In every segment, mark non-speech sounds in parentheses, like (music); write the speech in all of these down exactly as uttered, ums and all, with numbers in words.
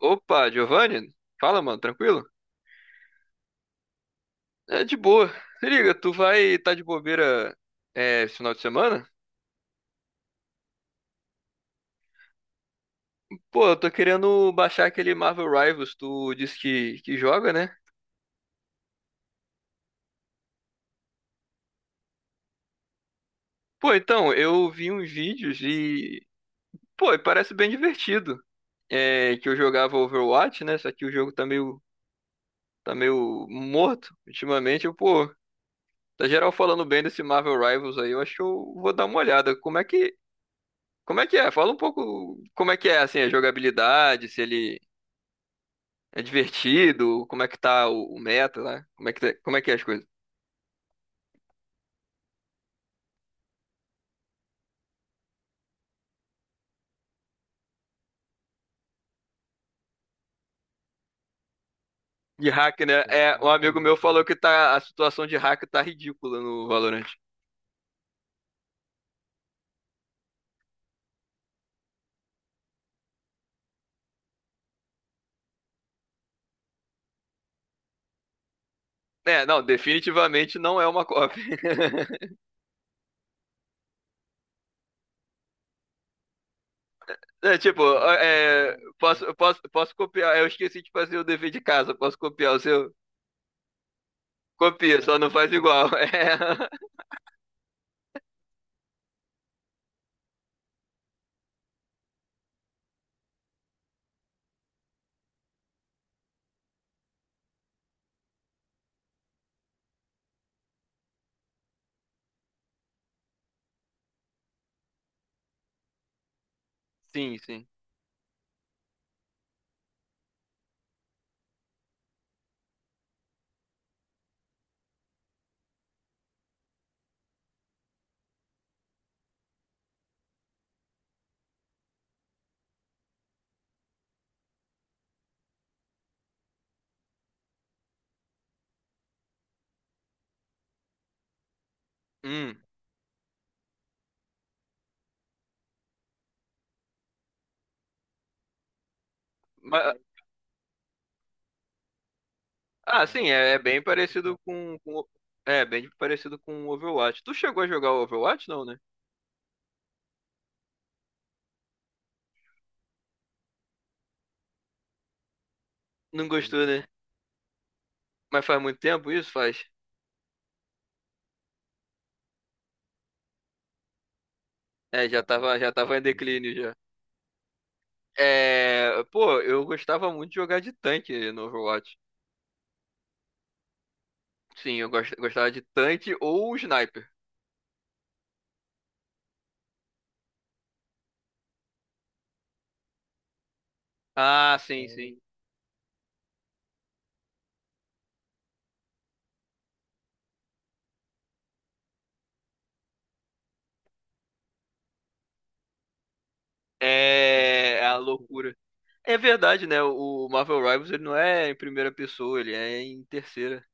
Opa, Giovanni? Fala, mano, tranquilo? É de boa. Se liga, tu vai tá de bobeira, é, esse final de semana? Pô, eu tô querendo baixar aquele Marvel Rivals, tu disse que, que joga, né? Pô, então, eu vi uns vídeos e. Pô, e parece bem divertido. É que eu jogava Overwatch, né? Só que o jogo tá meio, tá meio morto ultimamente. Eu, pô, tá geral falando bem desse Marvel Rivals aí, eu acho que eu vou dar uma olhada. Como é que. Como é que é? Fala um pouco como é que é, assim, a jogabilidade, se ele é divertido? Como é que tá o, o meta lá? Como é que, tá- como é que é as coisas? De hack, né? É, um amigo meu falou que tá, a situação de hack tá ridícula no Valorant. É, não, definitivamente não é uma cópia. (laughs) É, tipo, é, posso, eu posso, posso copiar. Eu esqueci de fazer o dever de casa. Posso copiar o seu? Copia, só não faz igual. (laughs) É. Sim, sim. Hum. Mas, ah, sim, é, é bem parecido com, com. É, bem parecido com o Overwatch. Tu chegou a jogar o Overwatch, não, né? Não gostou, né? Mas faz muito tempo isso, faz? É, já tava, já tava em declínio já. É, pô, eu gostava muito de jogar de tanque no Overwatch. Sim, eu gos- gostava de tanque ou sniper. Ah, sim, sim. É, é a loucura. É verdade, né? O Marvel Rivals ele não é em primeira pessoa, ele é em terceira.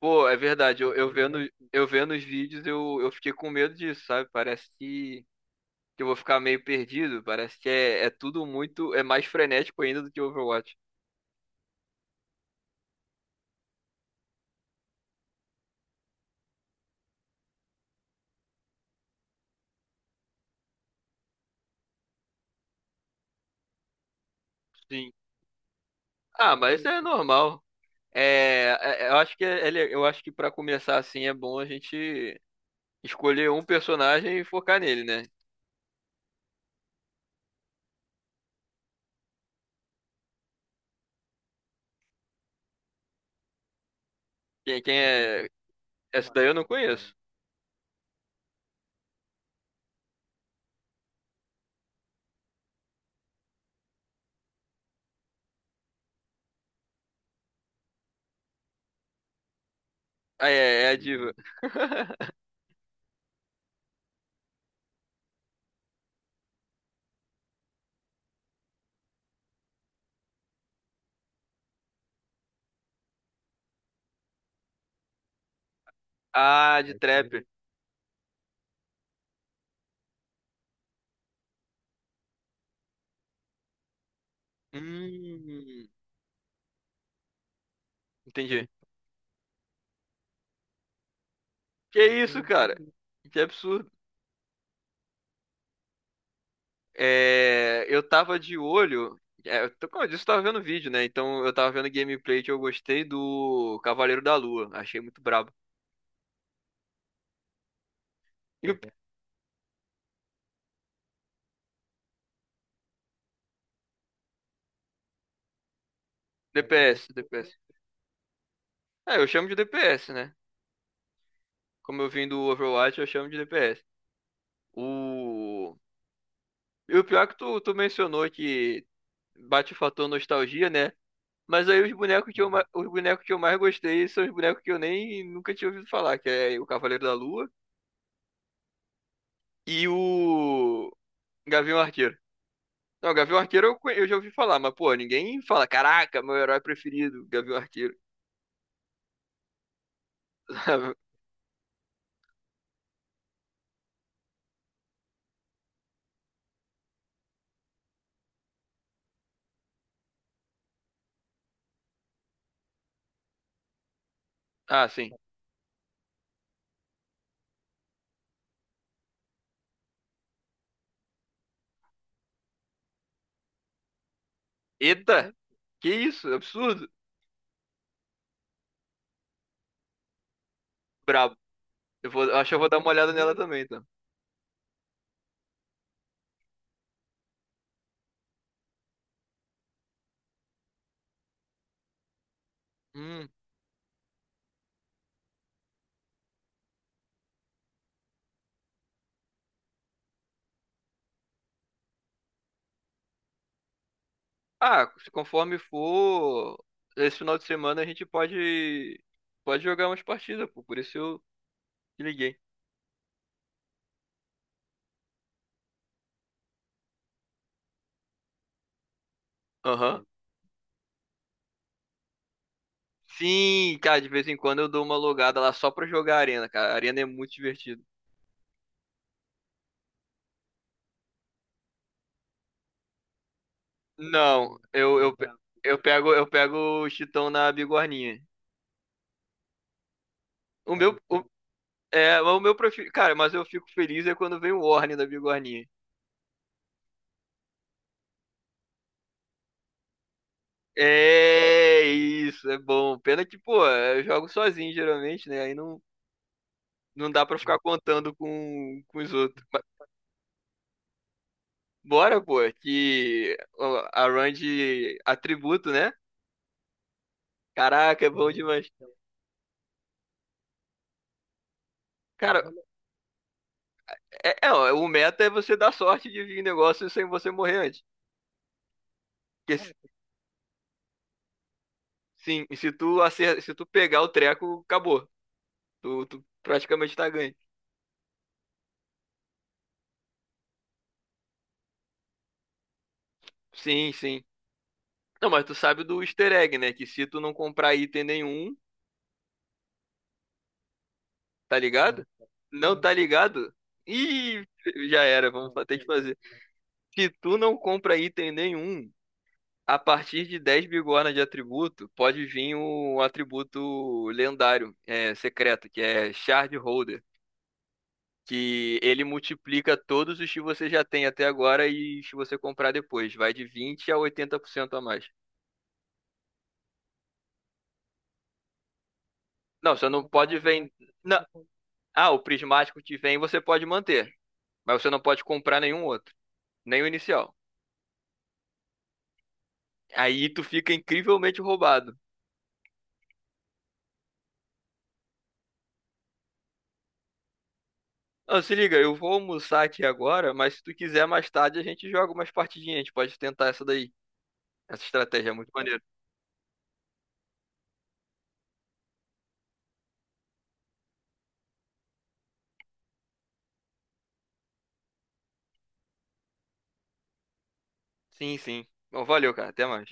Pô, é verdade. Eu, eu vendo, eu vendo os vídeos, eu, eu fiquei com medo disso, sabe? Parece que, que eu vou ficar meio perdido. Parece que é, é tudo muito, é mais frenético ainda do que Overwatch. Sim. Ah, mas isso é normal. É, é- é, eu acho que ele, eu acho que para começar assim é bom a gente escolher um personagem e focar nele, né? Quem, quem é? Essa daí eu não conheço. Ah, é, é a diva. (laughs) Ah, de trap. Hum, entendi. Que isso, cara? Que absurdo. É, eu tava de olho. É, eu tô- como eu disse, eu tava vendo vídeo, né? Então eu tava vendo gameplay que eu gostei do Cavaleiro da Lua. Achei muito brabo. E o D P S, D P S. É, eu chamo de D P S, né? Como eu vim do Overwatch, eu chamo de D P S. O... E o pior é que tu, tu mencionou que bate o fator nostalgia, né? Mas aí os bonecos que eu, ma- os bonecos que eu mais gostei são os bonecos que eu nem nunca tinha ouvido falar, que é o Cavaleiro da Lua e o Gavião Arqueiro. Não, Gavião Arqueiro eu, conhe- eu já ouvi falar, mas pô, ninguém fala, caraca, meu herói preferido, Gavião Arqueiro. (laughs) Ah, sim. Eita! Que isso? Absurdo! Brabo. Eu vou, acho que eu vou dar uma olhada nela também, então. Hum. Ah, se conforme for, esse final de semana a gente pode pode jogar umas partidas, pô. Por isso eu te liguei. Aham. Sim, cara, de vez em quando eu dou uma logada lá só pra jogar arena, cara. A arena é muito divertido. Não, eu eu, pe- eu pego eu pego o Chitão na bigorninha. O meu o, é, o meu prefiro, cara, mas eu fico feliz é quando vem o Orne da bigorninha. É isso, é bom. Pena que, pô, eu jogo sozinho geralmente, né? Aí não Não dá pra ficar contando com, com os outros. Mas bora, pô, que a run de atributo, né? Caraca, é bom demais. Cara, é, é, ó, o meta é você dar sorte de vir negócio sem você morrer antes. Porque se- Sim, se tu acer, se tu pegar o treco, acabou. Tu, tu praticamente tá ganho. Sim, sim. Não, mas tu sabe do easter egg, né? Que se tu não comprar item nenhum, tá ligado? Não tá ligado? Ih, já era, vamos ter que fazer. Se tu não compra item nenhum, a partir de dez bigorna de atributo, pode vir um atributo lendário, é, secreto, que é Shard Holder. Que ele multiplica todos os que você já tem até agora e se você comprar depois. Vai de vinte a oitenta por cento a mais. Não, você não pode vender. Ah, o prismático que vem você pode manter. Mas você não pode comprar nenhum outro. Nem o inicial. Aí tu fica incrivelmente roubado. Não, se liga, eu vou almoçar aqui agora, mas se tu quiser mais tarde a gente joga umas partidinhas, a gente pode tentar essa daí. Essa estratégia é muito maneira. Sim, sim. Bom, valeu, cara. Até mais.